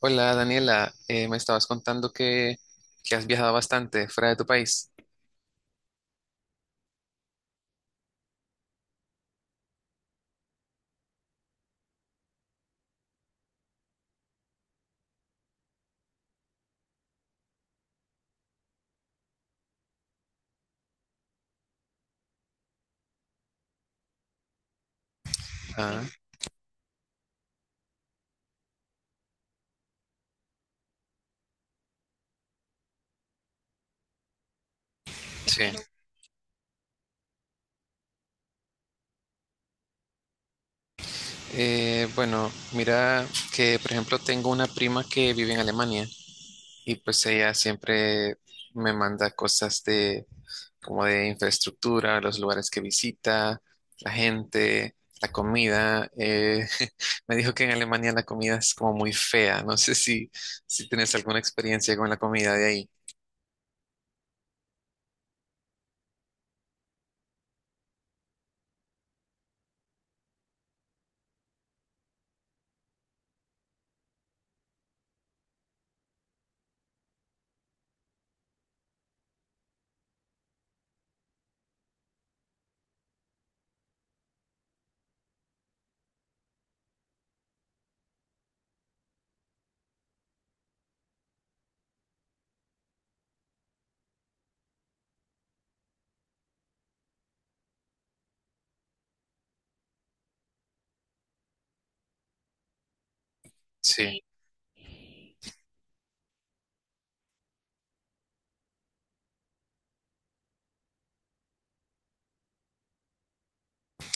Hola Daniela. Me estabas contando que has viajado bastante fuera de tu país. Ah. Sí, sí, claro. Bueno, mira que por ejemplo tengo una prima que vive en Alemania y pues ella siempre me manda cosas de como de infraestructura, los lugares que visita, la gente, la comida. Me dijo que en Alemania la comida es como muy fea. No sé si tienes alguna experiencia con la comida de ahí. Sí, sí,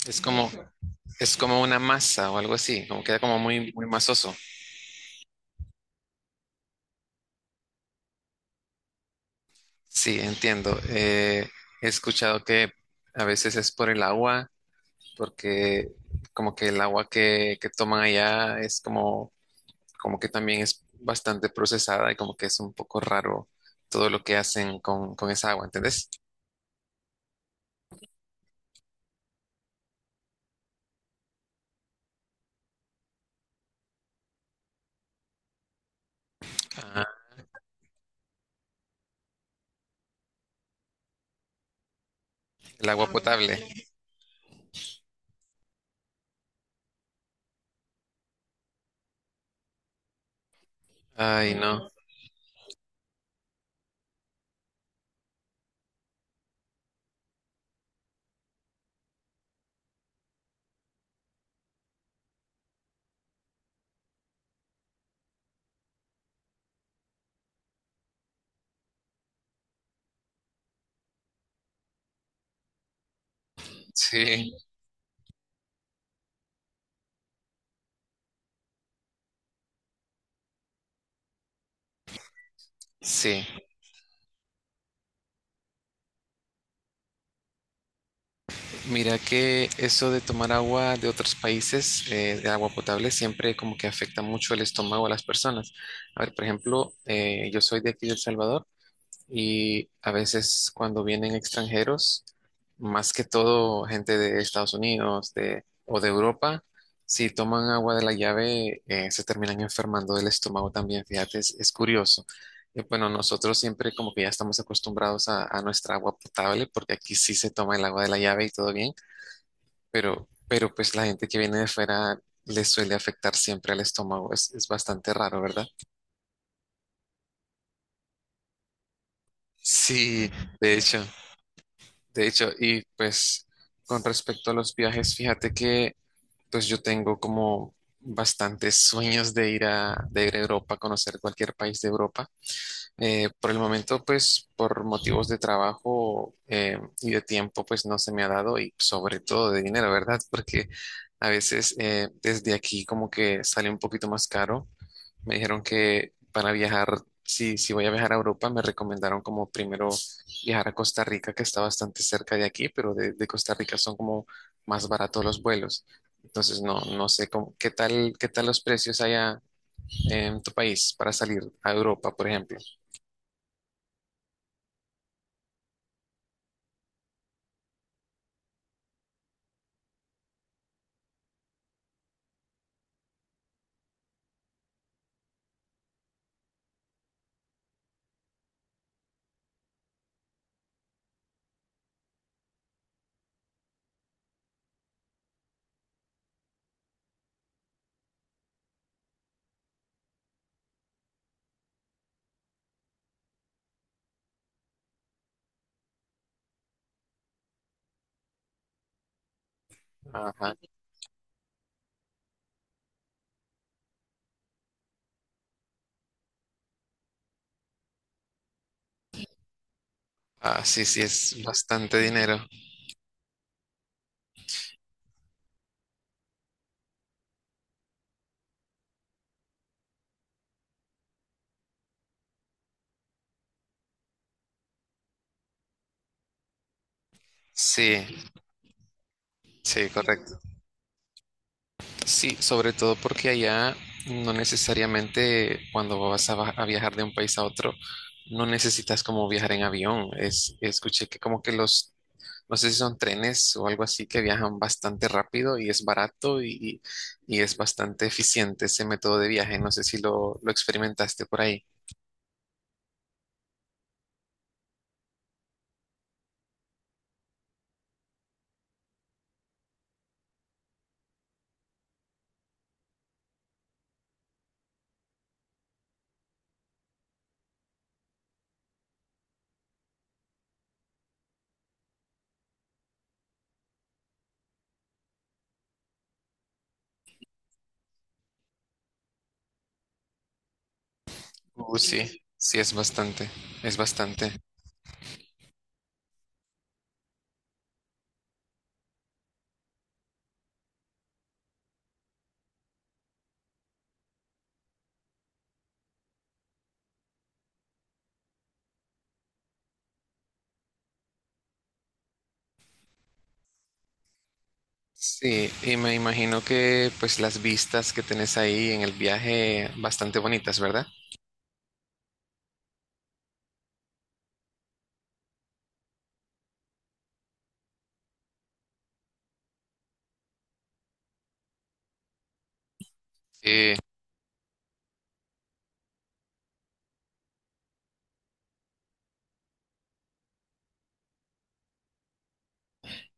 es como... Es como una masa o algo así, como queda como muy masoso. Sí, entiendo. He escuchado que a veces es por el agua, porque como que el agua que toman allá es como, como que también es bastante procesada y como que es un poco raro todo lo que hacen con esa agua, ¿entendés? Ah, el agua potable. Ay, no. Sí, sí. Mira que eso de tomar agua de otros países, de agua potable, siempre como que afecta mucho el estómago a las personas. A ver, por ejemplo, yo soy de aquí de El Salvador y a veces cuando vienen extranjeros, más que todo gente de Estados Unidos de, o de Europa, si toman agua de la llave, se terminan enfermando del estómago también. Fíjate, es curioso. Y bueno, nosotros siempre como que ya estamos acostumbrados a nuestra agua potable porque aquí sí se toma el agua de la llave y todo bien, pero pues la gente que viene de fuera le suele afectar siempre al estómago. Es bastante raro, ¿verdad? Sí, de hecho, de hecho, y pues con respecto a los viajes, fíjate que pues yo tengo como bastantes sueños de ir de ir a Europa, conocer cualquier país de Europa. Por el momento, pues por motivos de trabajo y de tiempo, pues no se me ha dado y sobre todo de dinero, ¿verdad? Porque a veces desde aquí como que sale un poquito más caro. Me dijeron que para viajar, si voy a viajar a Europa, me recomendaron como primero viajar a Costa Rica, que está bastante cerca de aquí, pero de Costa Rica son como más baratos los vuelos. Entonces, no, no sé cómo, qué tal los precios allá en tu país para salir a Europa, por ejemplo. Ajá. Ah, sí, sí, es bastante dinero. Sí, sí, correcto. Sí, sobre todo porque allá no necesariamente cuando vas a viajar de un país a otro, no necesitas como viajar en avión. Es, escuché que como que los, no sé si son trenes o algo así, que viajan bastante rápido y es barato y es bastante eficiente ese método de viaje. No sé si lo experimentaste por ahí. Sí, es bastante. Sí, y me imagino que pues las vistas que tenés ahí en el viaje bastante bonitas, ¿verdad? Sí,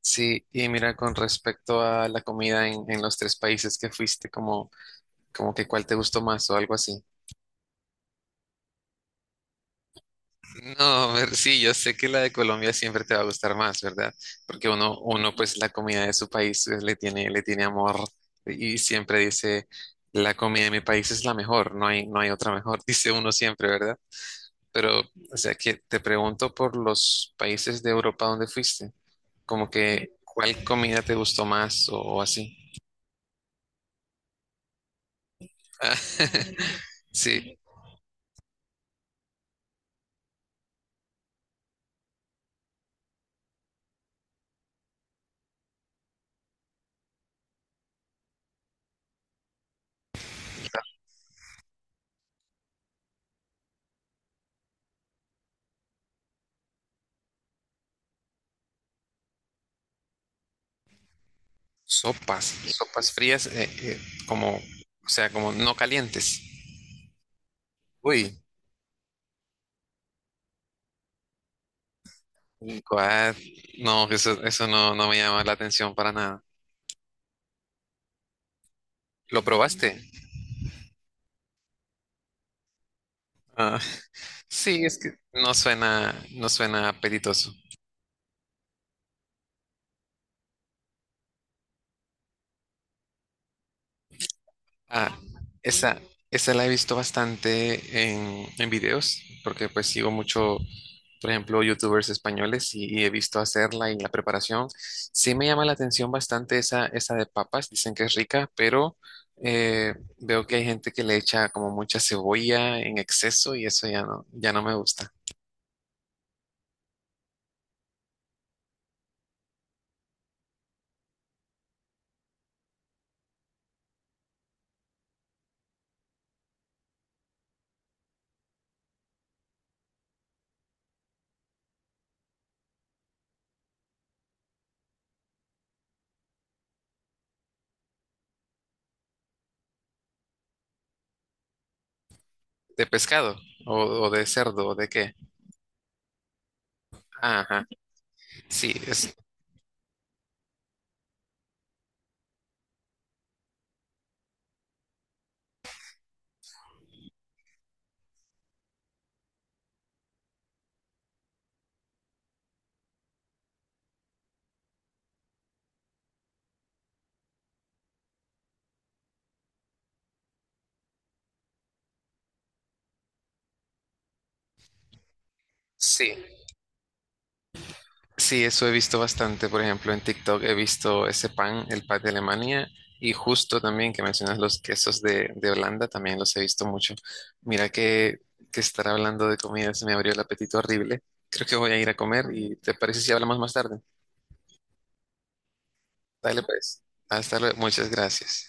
sí, y mira, con respecto a la comida en los tres países que fuiste, como, como que cuál te gustó más o algo así. No, ver, sí, yo sé que la de Colombia siempre te va a gustar más, ¿verdad? Porque uno pues la comida de su país le le tiene amor y siempre dice, la comida de mi país es la mejor, no hay, no hay otra mejor, dice uno siempre, ¿verdad? Pero, o sea, que te pregunto por los países de Europa donde fuiste, como que cuál comida te gustó más o así. Ah, sí, sopas, sopas frías, como, o sea, como no calientes. Uy, what? No, eso no, no me llama la atención para nada. ¿Lo probaste? Ah, sí, es que no suena, no suena apetitoso. Ah, esa, esa la he visto bastante en videos, porque pues sigo mucho, por ejemplo, youtubers españoles y he visto hacerla y la preparación. Sí me llama la atención bastante esa de papas, dicen que es rica, pero veo que hay gente que le echa como mucha cebolla en exceso y eso ya no, ya no me gusta. ¿De pescado? ¿O, o de cerdo? ¿O de qué? Ajá, sí, es, sí. Sí, eso he visto bastante. Por ejemplo, en TikTok he visto ese pan, el pan de Alemania, y justo también que mencionas los quesos de Holanda, también los he visto mucho. Mira que estar hablando de comida se me abrió el apetito horrible. Creo que voy a ir a comer y ¿te parece si hablamos más tarde? Dale pues. Hasta luego. Muchas gracias.